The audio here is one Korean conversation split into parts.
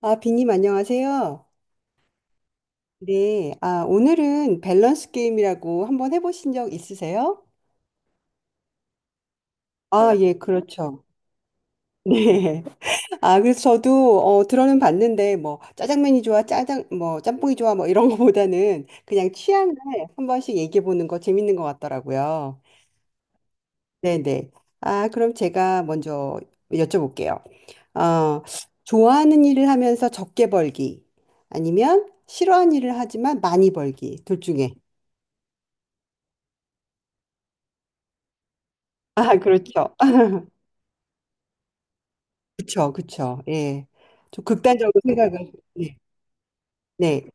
아, 비님 안녕하세요. 네. 아, 오늘은 밸런스 게임이라고 한번 해보신 적 있으세요? 아, 예, 그렇죠. 네. 아, 그래서 저도 들어는 봤는데 뭐 짜장면이 좋아, 짜장 뭐 짬뽕이 좋아 뭐 이런 거보다는 그냥 취향을 한 번씩 얘기해 보는 거 재밌는 것 같더라고요. 네, 네. 아, 그럼 제가 먼저 여쭤볼게요. 어, 좋아하는 일을 하면서 적게 벌기 아니면 싫어하는 일을 하지만 많이 벌기 둘 중에. 아, 그렇죠. 그쵸, 그쵸. 예. 좀 극단적으로 생각을, 네. 네.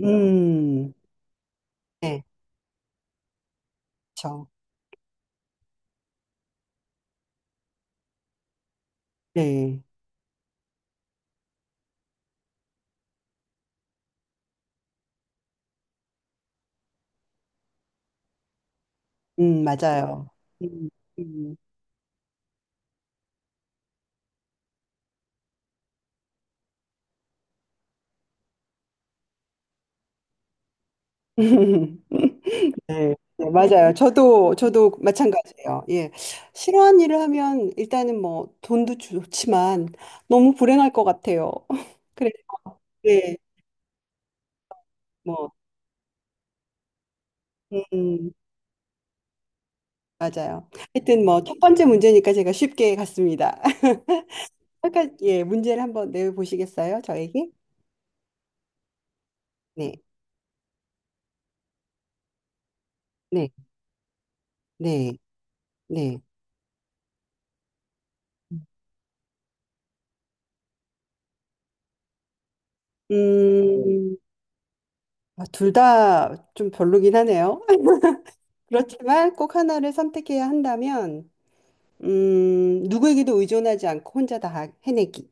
음, 네. 그쵸. 네. 맞아요. 음, 음. 네, 네, 맞아요. 저도 마찬가지예요. 예. 싫어하는 일을 하면 일단은 뭐 돈도 좋지만 너무 불행할 것 같아요. 그래서, 예, 뭐, 음, 맞아요. 하여튼 뭐 첫 번째 문제니까 제가 쉽게 갔습니다. 아까, 예, 문제를 한번 내보시겠어요? 저에게? 네. 네, 네, 네. 음. 음, 둘 다 좀 별로긴 하네요. 그렇지만 꼭 하나를 선택해야 한다면, 누구에게도 의존하지 않고 혼자 다 해내기.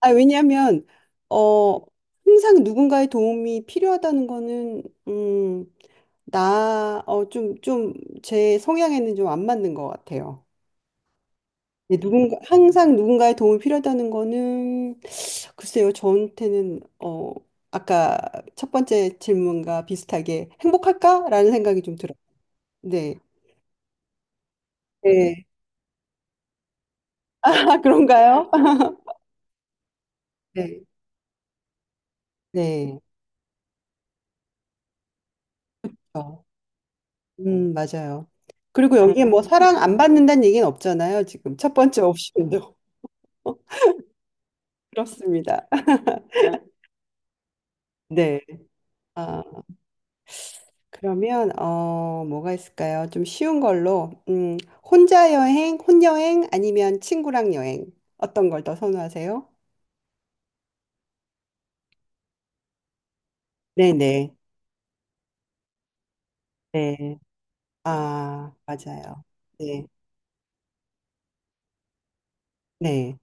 아, 왜냐하면, 어, 항상 누군가의 도움이 필요하다는 거는, 음, 좀, 제 성향에는 좀 안 맞는 것 같아요. 네, 항상 누군가의 도움이 필요하다는 거는 글쎄요, 저한테는 아까 첫 번째 질문과 비슷하게 행복할까라는 생각이 좀 들어요. 네. 네. 아, 그런가요? 네. 네. 어, 맞아요. 그리고 여기에 뭐 사랑 안 받는다는 얘기는 없잖아요, 지금. 첫 번째 옵션도. 그렇습니다. 네. 아, 그러면 뭐가 있을까요? 좀 쉬운 걸로 혼자 여행, 혼여행 아니면 친구랑 여행 어떤 걸 더 선호하세요? 네네. 네. 아, 맞아요. 네, 네.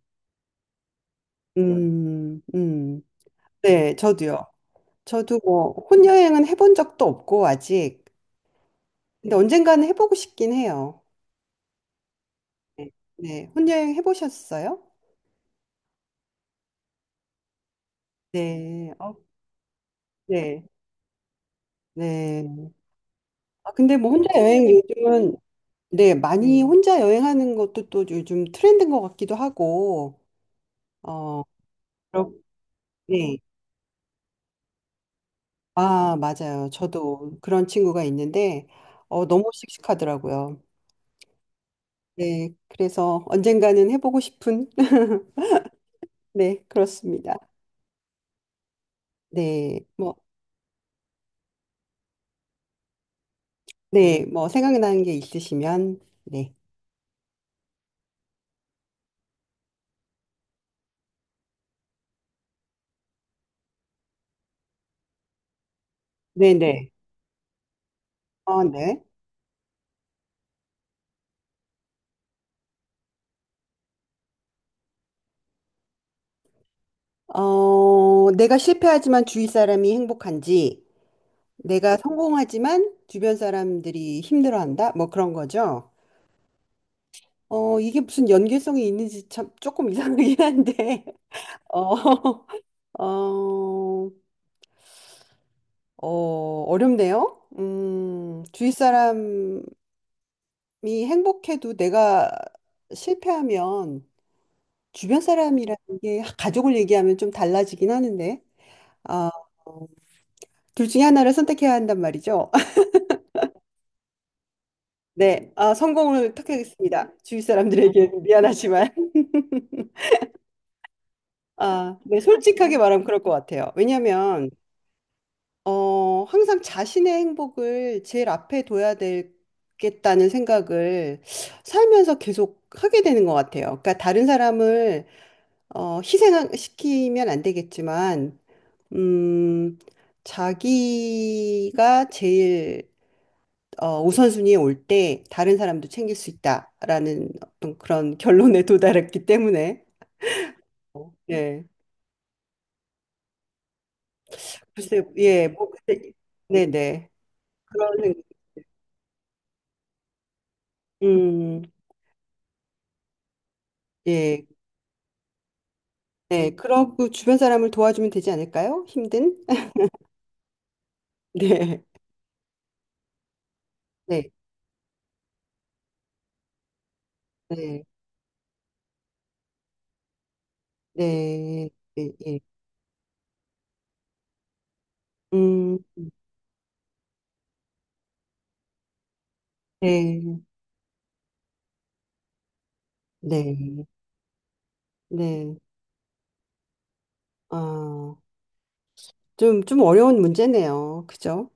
음, 음. 네, 저도요. 저도 뭐, 혼여행은 해본 적도 없고, 아직. 근데 언젠가는 해보고 싶긴 해요. 네, 네. 혼여행 해보셨어요? 네, 어, 네, 네. 아, 근데 뭐, 혼자 여행 요즘은, 네, 많이 혼자 여행하는 것도 또 요즘 트렌드인 것 같기도 하고, 어, 그렇, 네. 아, 맞아요. 저도 그런 친구가 있는데, 너무 씩씩하더라고요. 네, 그래서 언젠가는 해보고 싶은, 네, 그렇습니다. 네, 뭐, 네, 뭐, 생각나는 게 있으시면, 네. 네네. 어, 네. 내가 실패하지만 주위 사람이 행복한지, 내가 성공하지만 주변 사람들이 힘들어한다? 뭐 그런 거죠. 이게 무슨 연계성이 있는지 참 조금 이상하긴 한데, 어, 어, 어렵네요. 주위 사람, 이 행복해도 내가 실패하면 주변 사람이라는 게 가족을 얘기하면 좀 달라지긴 하는데 아, 어, 둘 중에 하나를 선택해야 한단 말이죠. 네, 아, 성공을 택하겠습니다. 주위 사람들에게 미안하지만 아, 네, 솔직하게 말하면 그럴 것 같아요. 왜냐하면 항상 자신의 행복을 제일 앞에 둬야 되겠다는 생각을 살면서 계속 하게 되는 것 같아요. 그러니까 다른 사람을 희생시키면 안 되겠지만 음, 자기가 제일 우선순위에 올 때 다른 사람도 챙길 수 있다라는 어떤 그런 결론에 도달했기 때문에 어, 네 글쎄 예뭐 근데 네네 그런 생- 음, 예, 네 그러고 주변 사람을 도와주면 되지 않을까요? 힘든 네 네 네 네 네 예 음, 네, 네, 네. 아, 좀 어려운 문제네요. 그죠?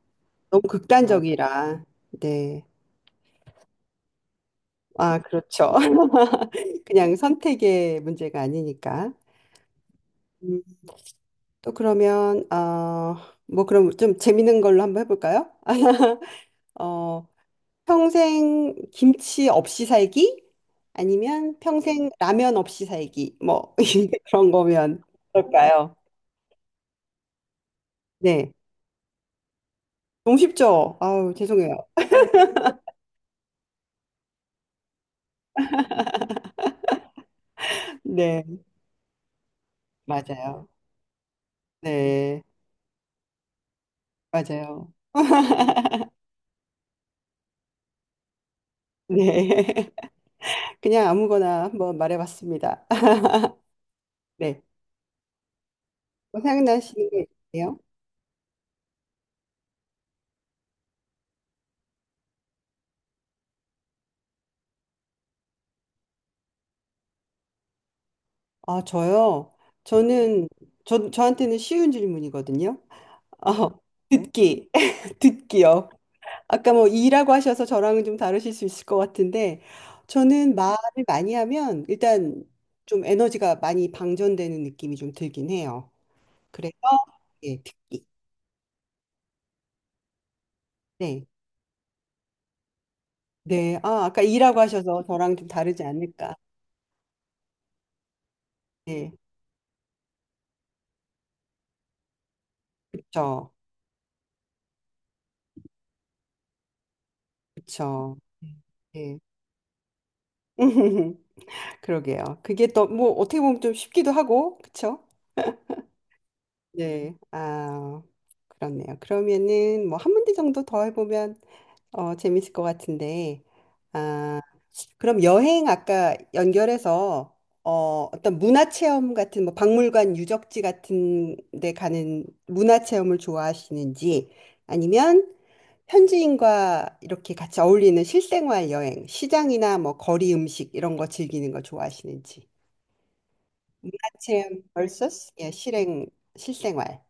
너무 극단적이라. 네. 아, 그렇죠. 그냥 선택의 문제가 아니니까. 음, 또 그러면, 뭐 그럼 좀 재밌는 걸로 한번 해볼까요? 어, 평생 김치 없이 살기? 아니면 평생 라면 없이 살기? 뭐, 그런 거면 어떨까요? 네. 너무 쉽죠? 아우, 죄송해요. 네. 맞아요. 네. 맞아요. 네. 그냥 아무거나 한번 말해봤습니다. 네. 뭐 생각나시는 게 있으세요? 아, 저요? 저는, 저한테는 쉬운 질문이거든요. 어, 네. 듣기. 듣기요. 아까 뭐 이라고 하셔서 저랑은 좀 다르실 수 있을 것 같은데, 저는 말을 많이 하면 일단 좀 에너지가 많이 방전되는 느낌이 좀 들긴 해요. 그래서, 예, 듣기. 네. 네. 아, 아까 이라고 하셔서 저랑 좀 다르지 않을까. 네. 그쵸. 그쵸. 네. 그러게요. 그게 또 뭐 어떻게 보면 좀 쉽기도 하고, 그쵸? 네. 아, 그렇네요. 그러면은 뭐 한 문제 정도 더 해보면 재밌을 것 같은데, 아, 그럼 여행 아까 연결해서 어떤 문화 체험 같은 뭐 박물관 유적지 같은 데 가는 문화 체험을 좋아하시는지 아니면 현지인과 이렇게 같이 어울리는 실생활 여행, 시장이나 뭐 거리 음식 이런 거 즐기는 거 좋아하시는지. 문화체험 vs 예, 실행 실생활.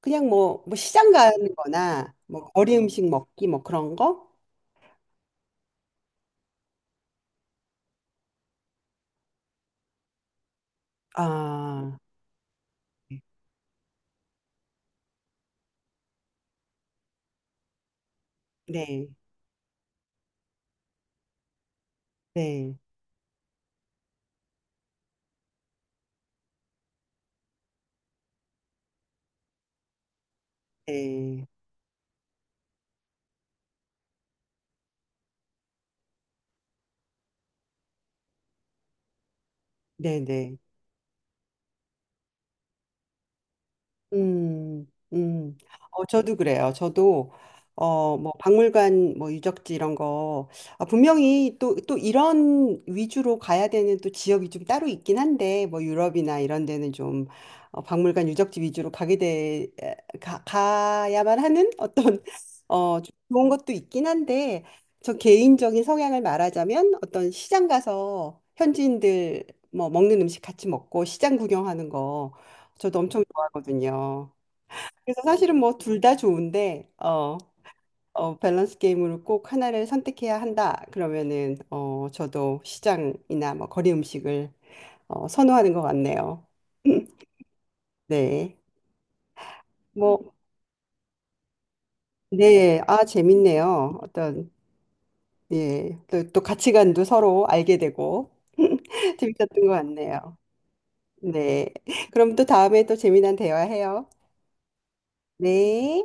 그냥 뭐, 시장 가는 거나 뭐 거리 음식 먹기 뭐 그런 거? 아, 네. 네. 네. 네, 네. 음, 음. 저도 그래요. 저도, 뭐, 박물관, 뭐, 유적지 이런 거, 아, 분명히 또 이런 위주로 가야 되는 또 지역이 좀 따로 있긴 한데, 뭐, 유럽이나 이런 데는 좀, 박물관 유적지 위주로 가게 돼, 가야만 하는 어떤, 좀 좋은 것도 있긴 한데, 저 개인적인 성향을 말하자면 어떤 시장 가서 현지인들 뭐, 먹는 음식 같이 먹고 시장 구경하는 거, 저도 엄청 거든요. 그래서 사실은 뭐 둘 다 좋은데 밸런스 게임으로 꼭 하나를 선택해야 한다. 그러면은 저도 시장이나 뭐 거리 음식을 선호하는 것 같네요. 네. 뭐 네. 아 재밌네요. 어떤 예. 또 가치관도 서로 알게 되고 재밌었던 것 같네요. 네. 그럼 또 다음에 또 재미난 대화해요. 네.